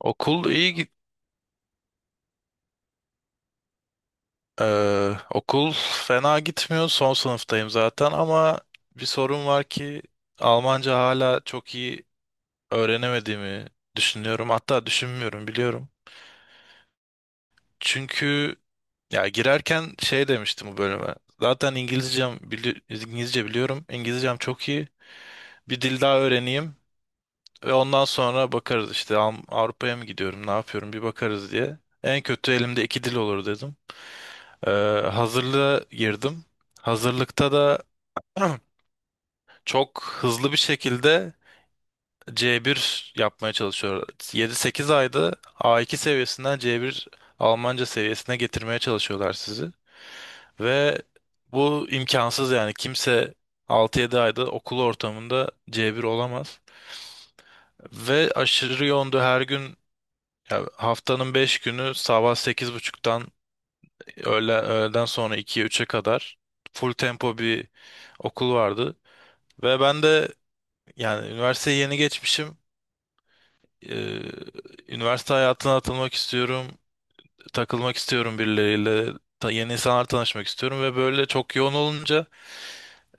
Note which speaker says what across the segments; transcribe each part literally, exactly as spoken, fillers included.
Speaker 1: Okul iyi git eee, okul fena gitmiyor. Son sınıftayım zaten ama bir sorun var ki Almanca hala çok iyi öğrenemediğimi düşünüyorum. Hatta düşünmüyorum biliyorum. Çünkü ya girerken şey demiştim bu bölüme. Zaten İngilizcem bili- İngilizce biliyorum. İngilizcem çok iyi. Bir dil daha öğreneyim ve ondan sonra bakarız işte Av- Avrupa'ya mı gidiyorum, ne yapıyorum bir bakarız diye. En kötü elimde iki dil olur dedim. Ee, hazırlığa girdim. Hazırlıkta da çok hızlı bir şekilde C bir yapmaya çalışıyor. Yedi sekiz ayda A iki seviyesinden C bir Almanca seviyesine getirmeye çalışıyorlar sizi. Ve bu imkansız yani kimse altı yedi ayda okul ortamında C bir olamaz. Ve aşırı yoğundu her gün ya haftanın beş günü sabah sekiz buçuktan öğle, öğleden sonra ikiye üçe kadar full tempo bir okul vardı. Ve ben de yani üniversiteyi yeni geçmişim. Ee, üniversite hayatına atılmak istiyorum. Takılmak istiyorum birileriyle. Ta- yeni insanlar tanışmak istiyorum. Ve böyle çok yoğun olunca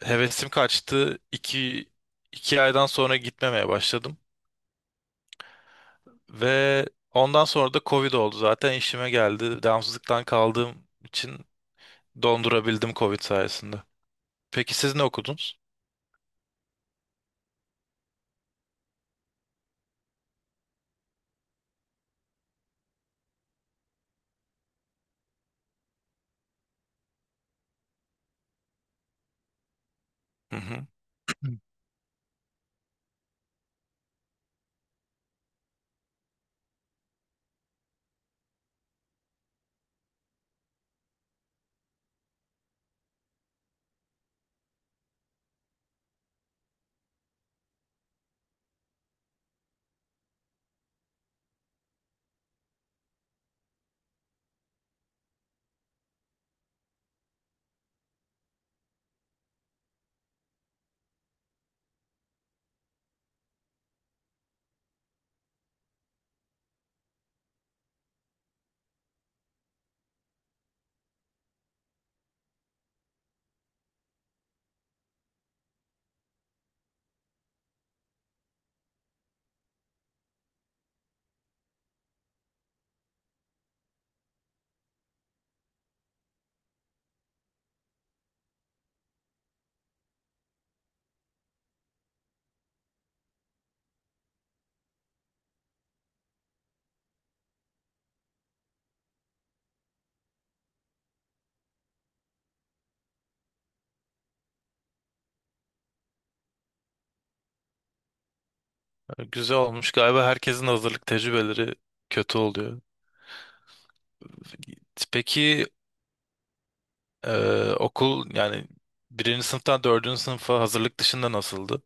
Speaker 1: hevesim kaçtı. İki, iki aydan sonra gitmemeye başladım. Ve ondan sonra da Covid oldu zaten işime geldi. Devamsızlıktan kaldığım için dondurabildim Covid sayesinde. Peki siz ne okudunuz? Hı hı. Güzel olmuş. Galiba herkesin hazırlık tecrübeleri kötü oluyor. Peki e, okul yani birinci sınıftan dördüncü sınıfa hazırlık dışında nasıldı?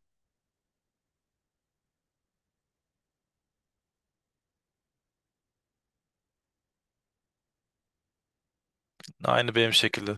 Speaker 1: Aynı benim şekilde.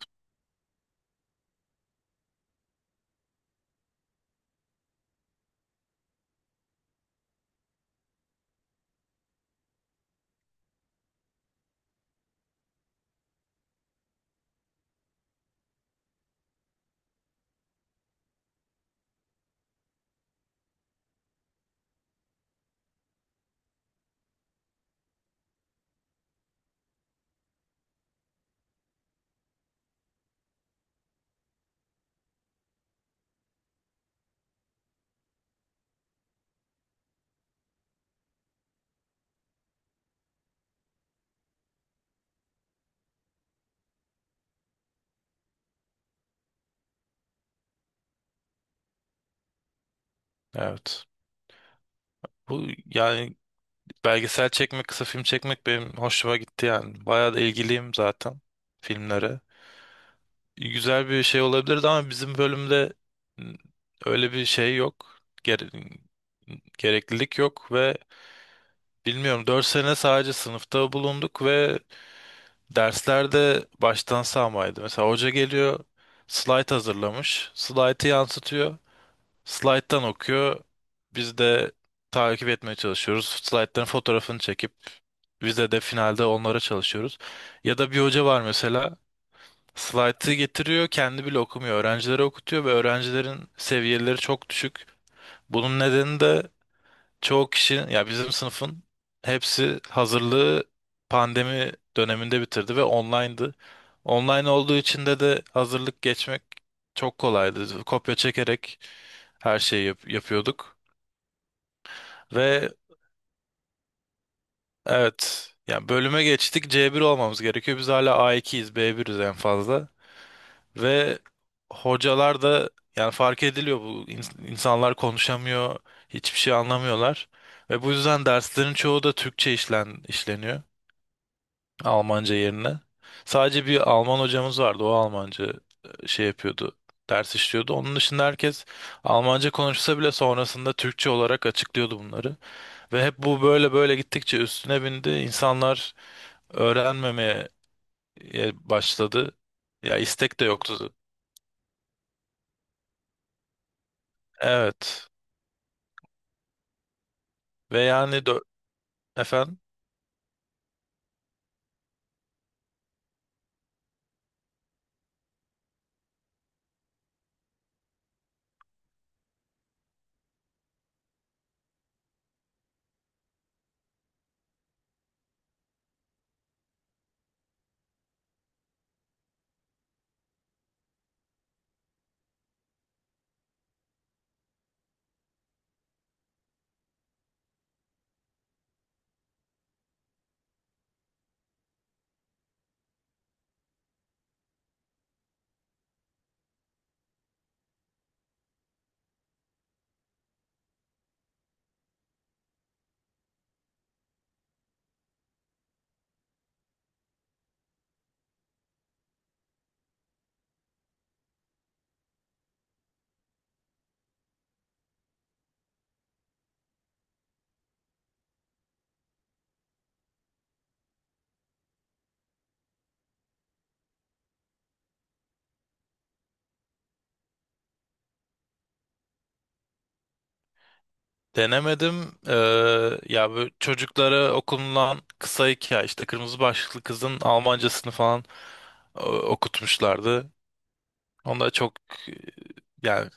Speaker 1: Evet. Bu yani belgesel çekmek, kısa film çekmek benim hoşuma gitti yani. Bayağı da ilgiliyim zaten filmlere. Güzel bir şey olabilirdi ama bizim bölümde m, öyle bir şey yok. Gere- gereklilik yok ve bilmiyorum dört sene sadece sınıfta bulunduk ve derslerde baştan sağmaydı. Mesela hoca geliyor, slide hazırlamış. Slide'ı yansıtıyor. Slide'dan okuyor. Biz de takip etmeye çalışıyoruz. Slide'ların fotoğrafını çekip vize de finalde onlara çalışıyoruz. Ya da bir hoca var mesela slaytı getiriyor kendi bile okumuyor. Öğrencilere okutuyor ve öğrencilerin seviyeleri çok düşük. Bunun nedeni de çoğu kişi ya bizim sınıfın hepsi hazırlığı pandemi döneminde bitirdi ve online'dı. Online olduğu için de de hazırlık geçmek çok kolaydı. Kopya çekerek her şeyi yap- yapıyorduk. Ve evet yani bölüme geçtik c bir olmamız gerekiyor. Biz hala a ikiyiz, b biriz en fazla. Ve hocalar da yani fark ediliyor bu ins- insanlar konuşamıyor, hiçbir şey anlamıyorlar. Ve bu yüzden derslerin çoğu da Türkçe işlen işleniyor. Almanca yerine. Sadece bir Alman hocamız vardı. O Almanca e, şey yapıyordu. Ders işliyordu. Onun dışında herkes Almanca konuşsa bile sonrasında Türkçe olarak açıklıyordu bunları. Ve hep bu böyle böyle gittikçe üstüne bindi. İnsanlar öğrenmemeye e, başladı. Ya istek de yoktu. Evet. Ve yani dö- efendim denemedim. Ee, ya bu çocuklara okunulan kısa hikaye işte kırmızı başlıklı kızın Almancasını falan e, okutmuşlardı. Onda çok e, yani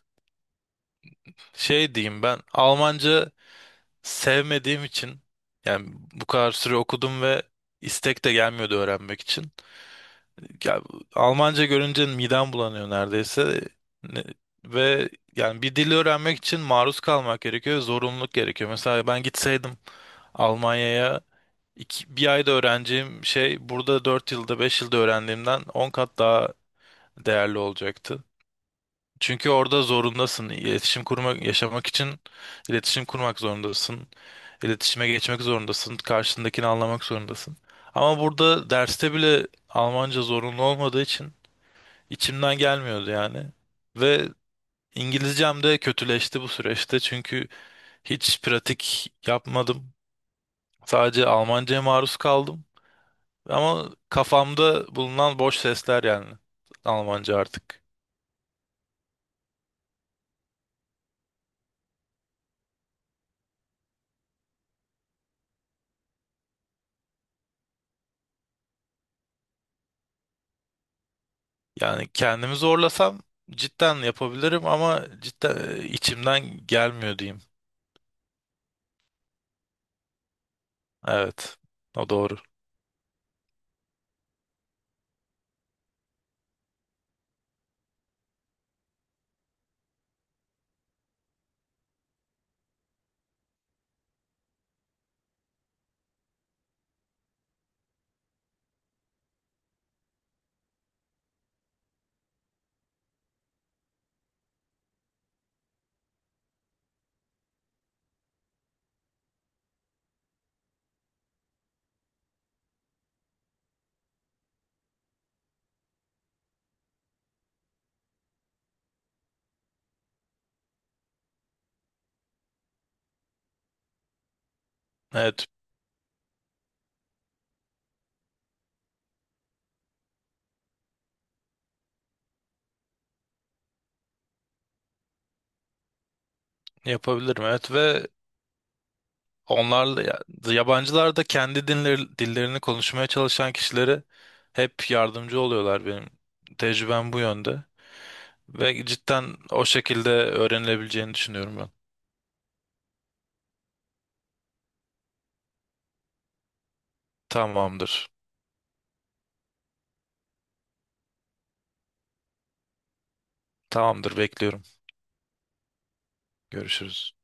Speaker 1: şey diyeyim ben Almanca sevmediğim için yani bu kadar süre okudum ve istek de gelmiyordu öğrenmek için. Ya, Almanca görünce midem bulanıyor neredeyse. Ne- Ve yani bir dili öğrenmek için maruz kalmak gerekiyor, zorunluluk gerekiyor. Mesela ben gitseydim Almanya'ya iki, bir ayda öğreneceğim şey burada dört yılda beş yılda öğrendiğimden on kat daha değerli olacaktı. Çünkü orada zorundasın. İletişim kurmak, yaşamak için iletişim kurmak zorundasın. İletişime geçmek zorundasın. Karşındakini anlamak zorundasın. Ama burada derste bile Almanca zorunlu olmadığı için içimden gelmiyordu yani. Ve İngilizcem de kötüleşti bu süreçte çünkü hiç pratik yapmadım. Sadece Almanca'ya maruz kaldım. Ama kafamda bulunan boş sesler yani Almanca artık. Yani kendimi zorlasam cidden yapabilirim ama cidden e, içimden gelmiyor diyeyim. Evet. O doğru. Evet. Yapabilirim. Evet ve onlarla ya- yabancılar da kendi dinleri, dillerini konuşmaya çalışan kişilere hep yardımcı oluyorlar benim. Tecrübem bu yönde. Ve cidden o şekilde öğrenilebileceğini düşünüyorum ben. Tamamdır. Tamamdır. Bekliyorum. Görüşürüz.